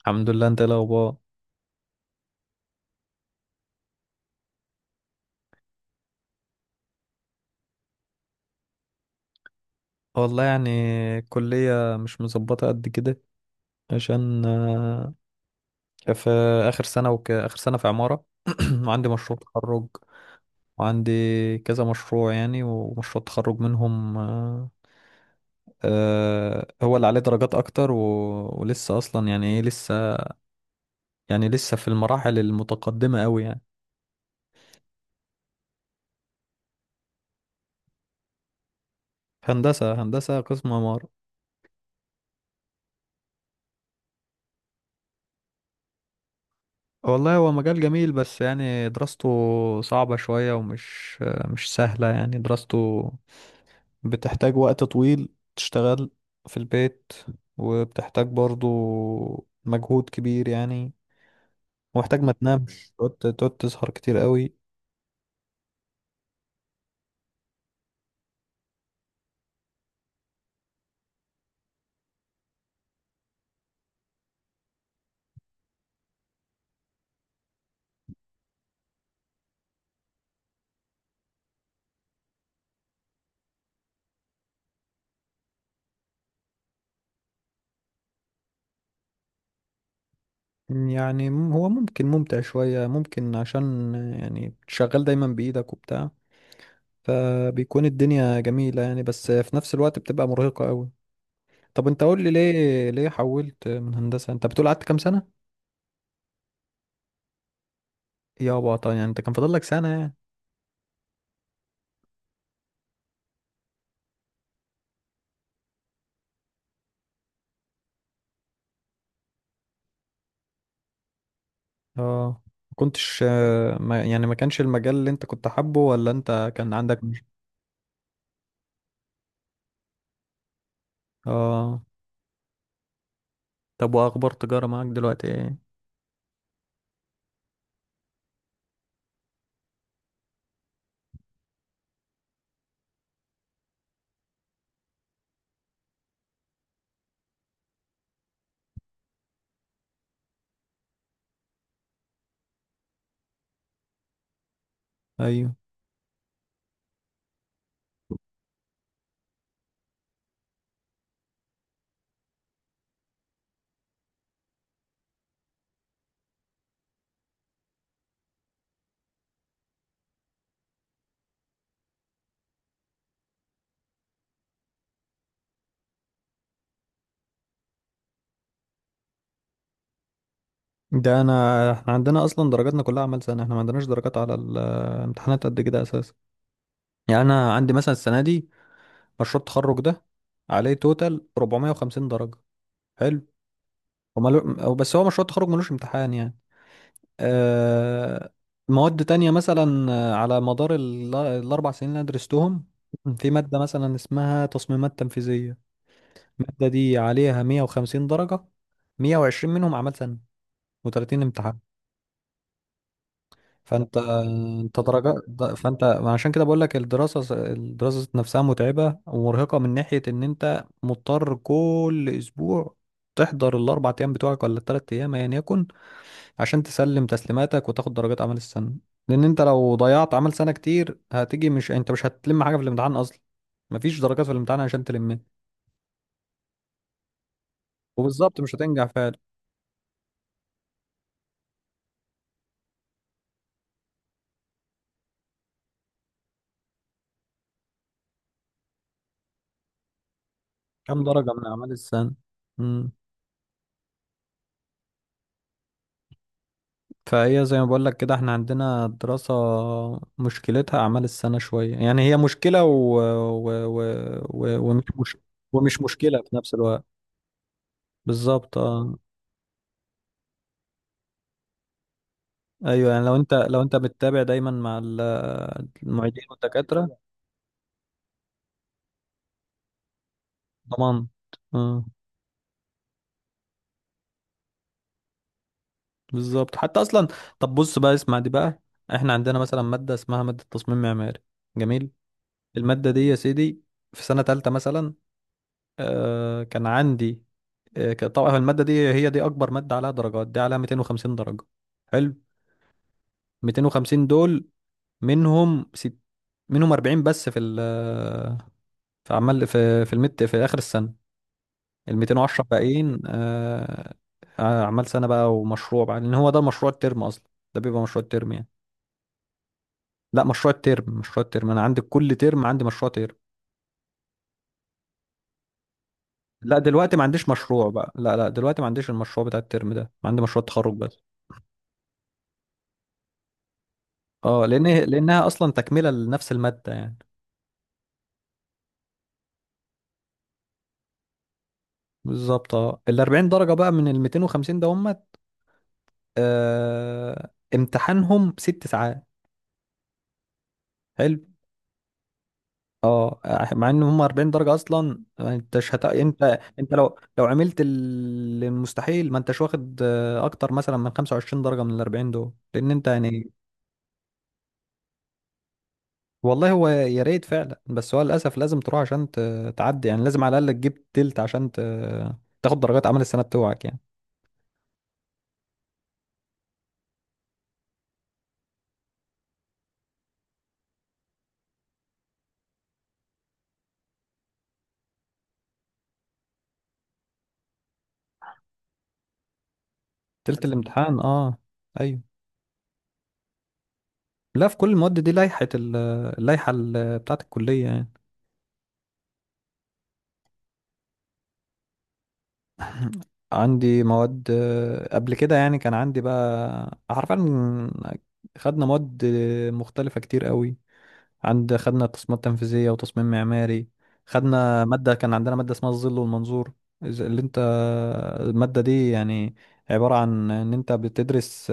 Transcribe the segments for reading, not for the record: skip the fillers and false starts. الحمد لله. انت ايه الاخبار؟ والله، يعني الكلية مش مظبطة قد كده عشان في آخر سنة في عمارة وعندي مشروع تخرج. وعندي كذا مشروع يعني، ومشروع تخرج منهم، هو اللي عليه درجات أكتر ولسه أصلا، يعني إيه لسه، يعني لسه في المراحل المتقدمة أوي يعني. هندسة، هندسة قسم عمارة. والله هو مجال جميل، بس يعني دراسته صعبة شوية، ومش آه، مش سهلة يعني. دراسته بتحتاج وقت طويل، تشتغل في البيت، وبتحتاج برضو مجهود كبير يعني، ومحتاج ما تنامش، تقعد تسهر كتير قوي. يعني هو ممكن ممتع شوية، ممكن عشان يعني شغال دايما بإيدك وبتاع، فبيكون الدنيا جميلة يعني، بس في نفس الوقت بتبقى مرهقة قوي. طب انت قول لي، ليه حولت من هندسة؟ انت بتقول قعدت كام سنة؟ يابا طبعا، يعني انت كان فاضل لك سنة يعني. اه، ما كنتش ما يعني ما كانش المجال اللي انت كنت حابه، ولا انت كان عندك مش... اه. طب واخبار تجارة معاك دلوقتي ايه؟ ايوه. ده انا، احنا عندنا اصلا درجاتنا كلها اعمال سنة، احنا ما عندناش درجات على الامتحانات قد كده اساسا. يعني انا عندي مثلا السنة دي مشروع التخرج ده عليه توتال 450 درجة. حلو. ومالو... أو بس هو مشروع التخرج ملوش امتحان يعني. آه، مواد تانية مثلا على مدار الأربع سنين اللي أنا درستهم، في مادة مثلا اسمها تصميمات تنفيذية. المادة دي عليها 150 درجة، 120 منهم عمل سنة، و30 امتحان. فأنت أنت درجات د- فأنت عشان كده بقول لك، الدراسة نفسها متعبة ومرهقة من ناحية إن أنت مضطر كل أسبوع تحضر الأربع أيام بتوعك، ولا التلات أيام أيا يكن، عشان تسلم تسليماتك وتاخد درجات اعمال السنه. لان انت لو ضيعت عمل سنه كتير هتيجي، مش هتلم حاجه في الامتحان اصلا. مفيش درجات في الامتحان عشان تلمها. وبالظبط مش هتنجح فعلا. كام درجه من اعمال السنه؟ امم. فهي زي ما بقول لك كده، احنا عندنا الدراسه مشكلتها اعمال السنه شويه يعني، هي مشكله و... و... و... و... ومش مش... ومش مشكله في نفس الوقت. بالظبط، اه. ايوه، يعني لو انت بتتابع دايما مع المعيدين والدكاتره، ضمان. اه، بالظبط حتى اصلا. طب بص بقى، اسمع دي بقى. احنا عندنا مثلا ماده اسمها ماده تصميم معماري. جميل. الماده دي يا سيدي، في سنه تالتة مثلا، كان عندي، طبعا الماده دي هي دي اكبر ماده عليها درجات، دي عليها 250 درجه. حلو. 250 دول منهم ست منهم 40 بس في ال في عمال في في المت في اخر السنه، ال 210 باقيين آه. اعمال سنه بقى ومشروع بقى، لان هو ده مشروع الترم اصلا. ده بيبقى مشروع الترم يعني. لا، مشروع الترم، انا عندي كل ترم عندي مشروع ترم. لا دلوقتي ما عنديش مشروع بقى، لا لا، دلوقتي ما عنديش المشروع بتاع الترم ده، عندي مشروع تخرج بس. اه، لانها اصلا تكمله لنفس الماده يعني. بالظبط اه. ال 40 درجه بقى من ال 250، ده هم امتحانهم ست ساعات. حلو. اه، مع ان هم 40 درجه اصلا، ما انتش هت... انت لو عملت المستحيل ما انتش واخد اكتر مثلا من 25 درجه من ال 40 دول، لان انت يعني. والله هو يا ريت فعلا، بس هو للاسف لازم تروح عشان تعدي يعني. لازم على الاقل تجيب تلت عشان تاخد درجات عمل السنه بتوعك يعني. تلت الامتحان، اه. ايوه. لا، في كل المواد، دي لائحه ال- اللائحه بتاعه الكليه يعني. عندي مواد قبل كده، يعني كان عندي بقى حرفيا، خدنا مواد مختلفه كتير قوي. خدنا تصميمات تنفيذية وتصميم معماري، خدنا مادة كان عندنا مادة اسمها الظل والمنظور. إذا- اللي انت المادة دي يعني عبارة عن ان انت بتدرس،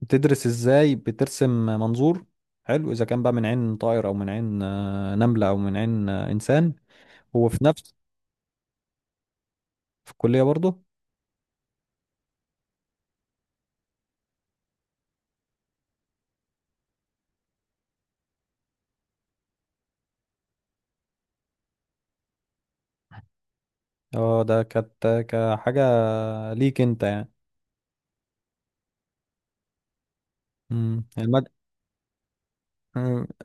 ازاي بترسم منظور. حلو، اذا كان بقى من عين طائر، او من عين نملة، او من عين انسان. هو في نفس. في الكلية برضه. اه، ده كانت كحاجة ليك انت يعني. مم. المادة.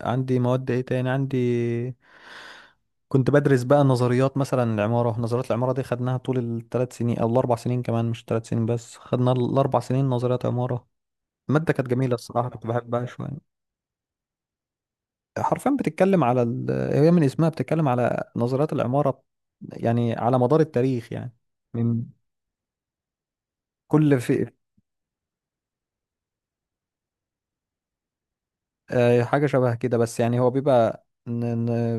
عندي مواد ايه تاني؟ كنت بدرس بقى نظريات مثلا، العمارة، نظريات العمارة دي خدناها طول الثلاث سنين، أو الأربع سنين كمان، مش ثلاث سنين بس، خدنا الأربع سنين نظريات عمارة. المادة كانت جميلة الصراحة، كنت بحبها شوية. حرفيا بتتكلم على هي من اسمها بتتكلم على نظريات العمارة، يعني على مدار التاريخ يعني. من كل في آه، حاجة شبه كده، بس يعني هو بيبقى ن...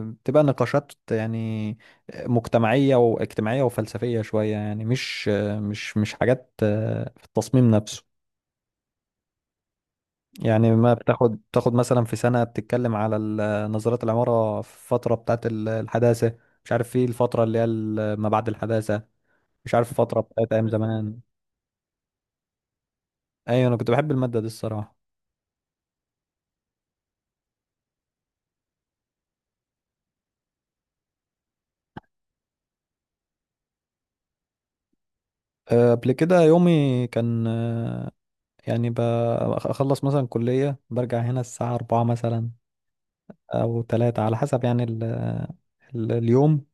ن... بتبقى نقاشات يعني، مجتمعية واجتماعية وفلسفية شوية يعني، مش مش حاجات في التصميم نفسه. يعني ما بتاخد، مثلا في سنة بتتكلم على نظريات العمارة في الفترة بتاعت الحداثة، مش عارف، في الفترة اللي هي ما بعد الحداثة، مش عارف الفترة بتاعت أيام زمان. أيوة، أنا كنت بحب المادة دي الصراحة. قبل كده يومي كان، يعني أخلص مثلا كلية برجع هنا الساعة أربعة مثلا، أو تلاتة على حسب يعني، ال اليوم.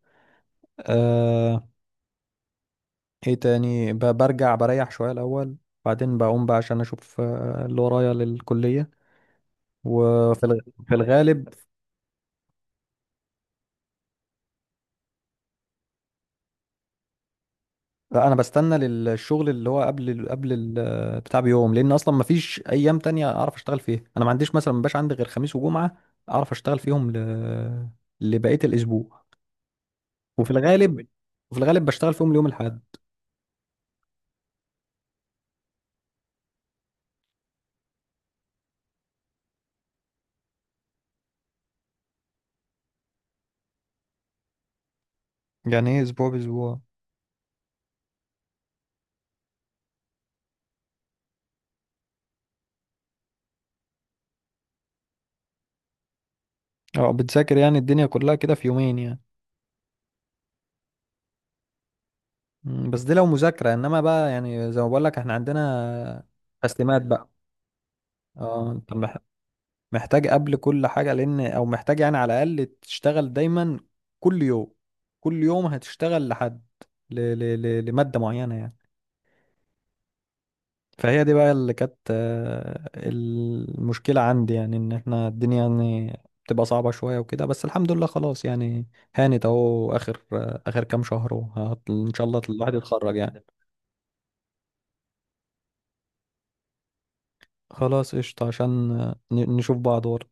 آه، إيه تاني؟ برجع بريح شوية الأول، بعدين بقوم بقى عشان أشوف اللي ورايا للكلية. وفي الغ- في الغالب انا بستنى للشغل اللي هو قبل بتاع بيوم، لان اصلا ما فيش ايام تانية اعرف اشتغل فيها. انا ما عنديش مثلا، ما بقاش عندي غير خميس وجمعة اعرف اشتغل فيهم لبقية الاسبوع. وفي الغالب وفي الغالب بشتغل فيهم اليوم الاحد. يعني ايه اسبوع باسبوع؟ اه، بتذاكر يعني الدنيا كلها كده في يومين يعني. بس دي لو مذاكرة، انما بقى يعني زي ما بقول لك احنا عندنا تسليمات بقى. اه، انت محتاج قبل كل حاجة، لأن أو محتاج يعني على الأقل تشتغل دايما كل يوم. كل يوم هتشتغل لحد لمادة معينة يعني. فهي دي بقى اللي كانت المشكلة عندي، يعني إن إحنا الدنيا يعني بتبقى صعبة شوية وكده، بس الحمد لله خلاص يعني، هانت أهو. آخر كام شهر إن شاء الله الواحد يتخرج يعني. خلاص قشطة، عشان نشوف بعض ورا.